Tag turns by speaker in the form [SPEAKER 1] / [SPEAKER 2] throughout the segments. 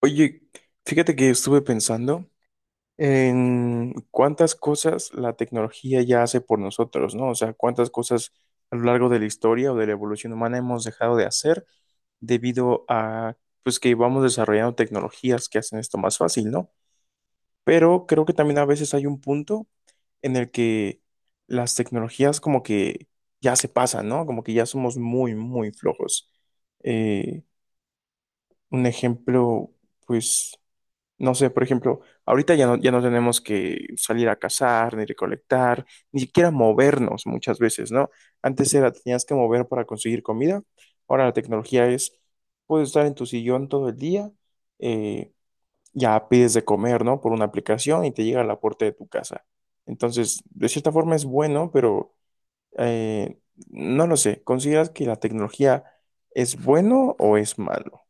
[SPEAKER 1] Oye, fíjate que estuve pensando en cuántas cosas la tecnología ya hace por nosotros, ¿no? O sea, cuántas cosas a lo largo de la historia o de la evolución humana hemos dejado de hacer debido a, pues, que vamos desarrollando tecnologías que hacen esto más fácil, ¿no? Pero creo que también a veces hay un punto en el que las tecnologías como que ya se pasan, ¿no? Como que ya somos muy, muy flojos. Eh, un ejemplo, pues... No sé, por ejemplo, ahorita ya no, ya no tenemos que salir a cazar, ni recolectar, ni siquiera movernos muchas veces, ¿no? Antes era, tenías que mover para conseguir comida. Ahora la tecnología es, puedes estar en tu sillón todo el día, eh, ya pides de comer, ¿no? Por una aplicación y te llega a la puerta de tu casa. Entonces, de cierta forma es bueno, pero eh, no lo sé. ¿Consideras que la tecnología es bueno o es malo?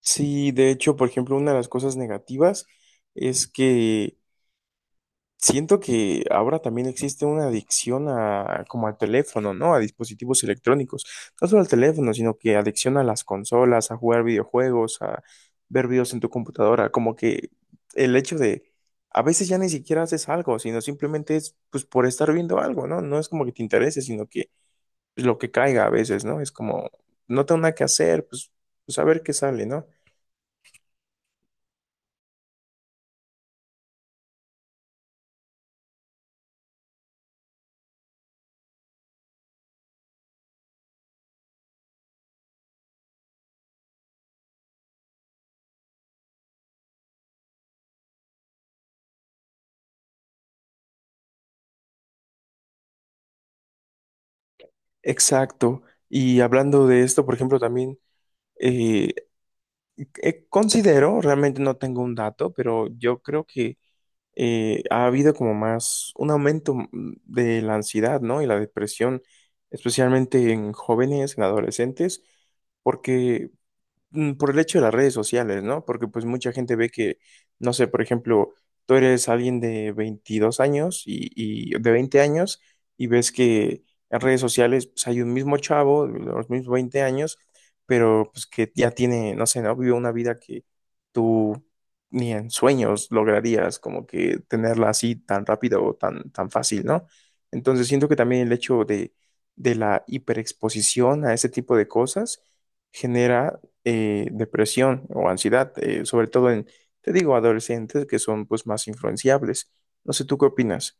[SPEAKER 1] Sí, de hecho, por ejemplo, una de las cosas negativas es que siento que ahora también existe una adicción a, como al teléfono, ¿no? A dispositivos electrónicos. No solo al teléfono, sino que adicción a las consolas, a jugar videojuegos, a ver videos en tu computadora. Como que el hecho de, a veces ya ni siquiera haces algo, sino simplemente es, pues, por estar viendo algo, ¿no? No es como que te interese, sino que pues, lo que caiga a veces, ¿no? Es como, no tengo nada que hacer, pues, pues a ver qué sale, ¿no? Exacto. Y hablando de esto, por ejemplo, también eh, considero, realmente no tengo un dato, pero yo creo que ha habido como más un aumento de la ansiedad, ¿no? Y la depresión, especialmente en jóvenes, en adolescentes, porque por el hecho de las redes sociales, ¿no? Porque pues mucha gente ve que, no sé, por ejemplo, tú eres alguien de 22 años y de 20 años y ves que en redes sociales pues, hay un mismo chavo de los mismos 20 años, pero pues que ya tiene, no sé, ¿no? Vive una vida que tú ni en sueños lograrías como que tenerla así tan rápido o tan, tan fácil, ¿no? Entonces siento que también el hecho de la hiperexposición a ese tipo de cosas genera depresión o ansiedad, sobre todo en, te digo, adolescentes que son pues más influenciables. No sé, ¿tú qué opinas?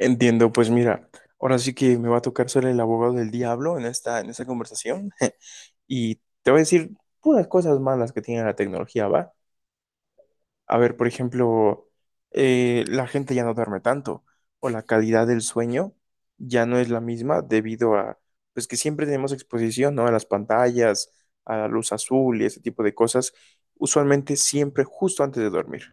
[SPEAKER 1] Entiendo, pues mira, ahora sí que me va a tocar ser el abogado del diablo en esta conversación y te voy a decir puras cosas malas que tiene la tecnología, ¿va? A ver, por ejemplo, la gente ya no duerme tanto o la calidad del sueño ya no es la misma debido a, pues que siempre tenemos exposición, ¿no? A las pantallas, a la luz azul y ese tipo de cosas, usualmente siempre justo antes de dormir.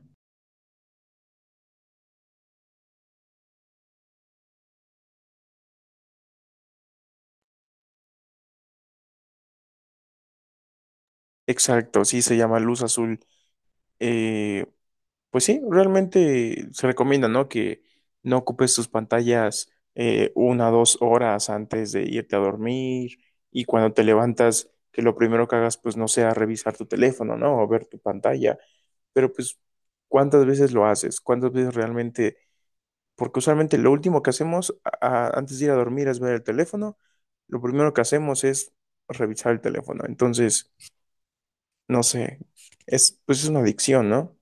[SPEAKER 1] Exacto, sí se llama luz azul. Eh, Pues sí, realmente se recomienda, ¿no? Que no ocupes tus pantallas una o dos horas antes de irte a dormir y cuando te levantas, que lo primero que hagas, pues no sea revisar tu teléfono, ¿no? O ver tu pantalla. Pero pues, ¿cuántas veces lo haces? ¿Cuántas veces realmente? Porque usualmente lo último que hacemos antes de ir a dormir es ver el teléfono. Lo primero que hacemos es revisar el teléfono. Entonces, no sé, es, pues es una adicción, ¿no?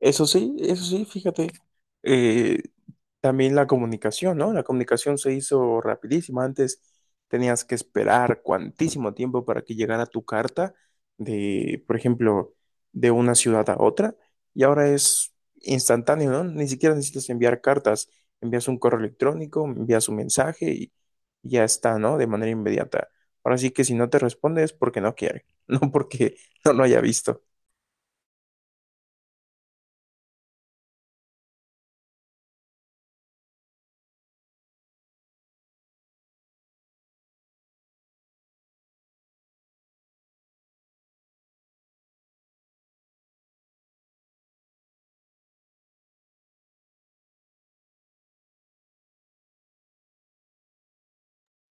[SPEAKER 1] Eso sí, fíjate. eh, También la comunicación, ¿no? La comunicación se hizo rapidísima. Antes tenías que esperar cuantísimo tiempo para que llegara tu carta de, por ejemplo, de una ciudad a otra. Y ahora es instantáneo, ¿no? Ni siquiera necesitas enviar cartas. Envías un correo electrónico, envías un mensaje y ya está, ¿no? De manera inmediata. Ahora sí que si no te responde es porque no quiere, no porque no lo haya visto.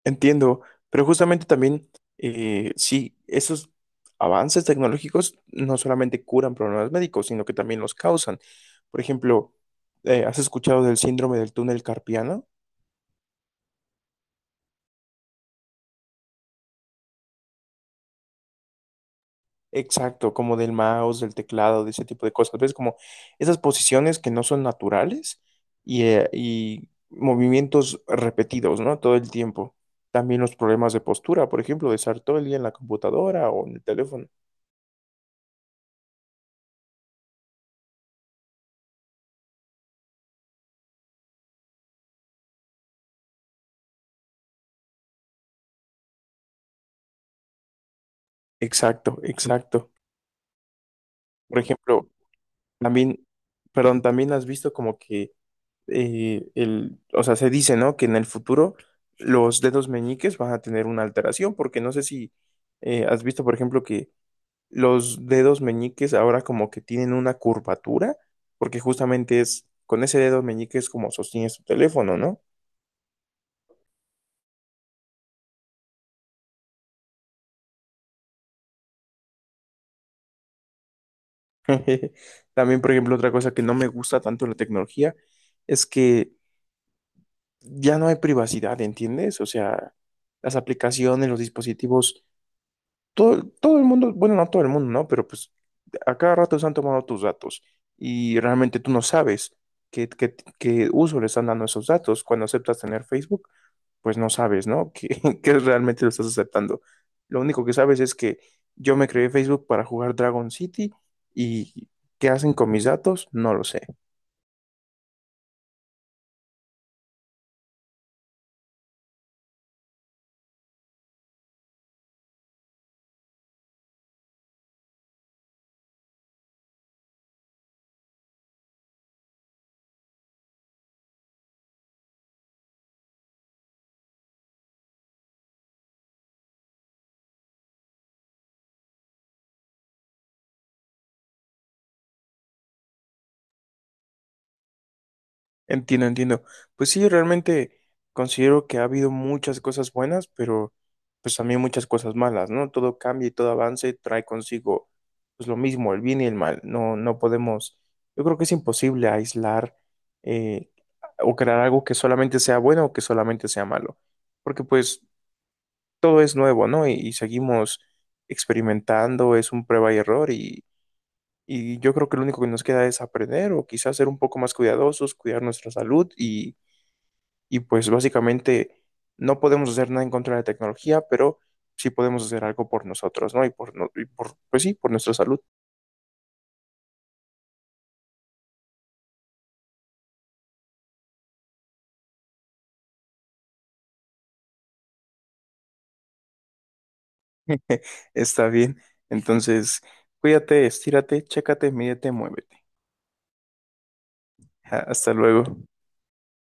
[SPEAKER 1] Entiendo, pero justamente también, sí, esos avances tecnológicos no solamente curan problemas médicos, sino que también los causan. Por ejemplo, ¿has escuchado del síndrome del túnel carpiano? Exacto, como del mouse, del teclado, de ese tipo de cosas. ¿Ves? Como esas posiciones que no son naturales y movimientos repetidos, ¿no? Todo el tiempo. También los problemas de postura, por ejemplo, de estar todo el día en la computadora o en el teléfono. Exacto, exacto. Por ejemplo, también, perdón, también has visto como que el, o sea, se dice, ¿no? Que en el futuro los dedos meñiques van a tener una alteración, porque no sé si has visto, por ejemplo, que los dedos meñiques ahora como que tienen una curvatura, porque justamente es con ese dedo meñique es como sostienes tu teléfono, ¿no? También, por ejemplo, otra cosa que no me gusta tanto de la tecnología es que ya no hay privacidad, ¿entiendes? O sea, las aplicaciones, los dispositivos todo, todo el mundo, bueno, no todo el mundo, ¿no? Pero pues a cada rato se han tomado tus datos y realmente tú no sabes qué, qué uso le están dando esos datos. Cuando aceptas tener Facebook, pues no sabes, ¿no? que realmente lo estás aceptando. Lo único que sabes es que yo me creé Facebook para jugar Dragon City y ¿qué hacen con mis datos? No lo sé. Entiendo, entiendo. Pues sí, realmente considero que ha habido muchas cosas buenas, pero pues también muchas cosas malas, ¿no? Todo cambia y todo avance trae consigo pues lo mismo, el bien y el mal. No, no podemos, yo creo que es imposible aislar eh, o crear algo que solamente sea bueno o que solamente sea malo, porque pues todo es nuevo, ¿no? Y seguimos experimentando, es un prueba y error y yo creo que lo único que nos queda es aprender o quizás ser un poco más cuidadosos, cuidar nuestra salud y pues básicamente no podemos hacer nada en contra de la tecnología, pero sí podemos hacer algo por nosotros, ¿no? Y por, y por pues sí, por nuestra salud. Está bien. Entonces, cuídate, estírate, chécate, mídete, muévete. Ja, hasta luego.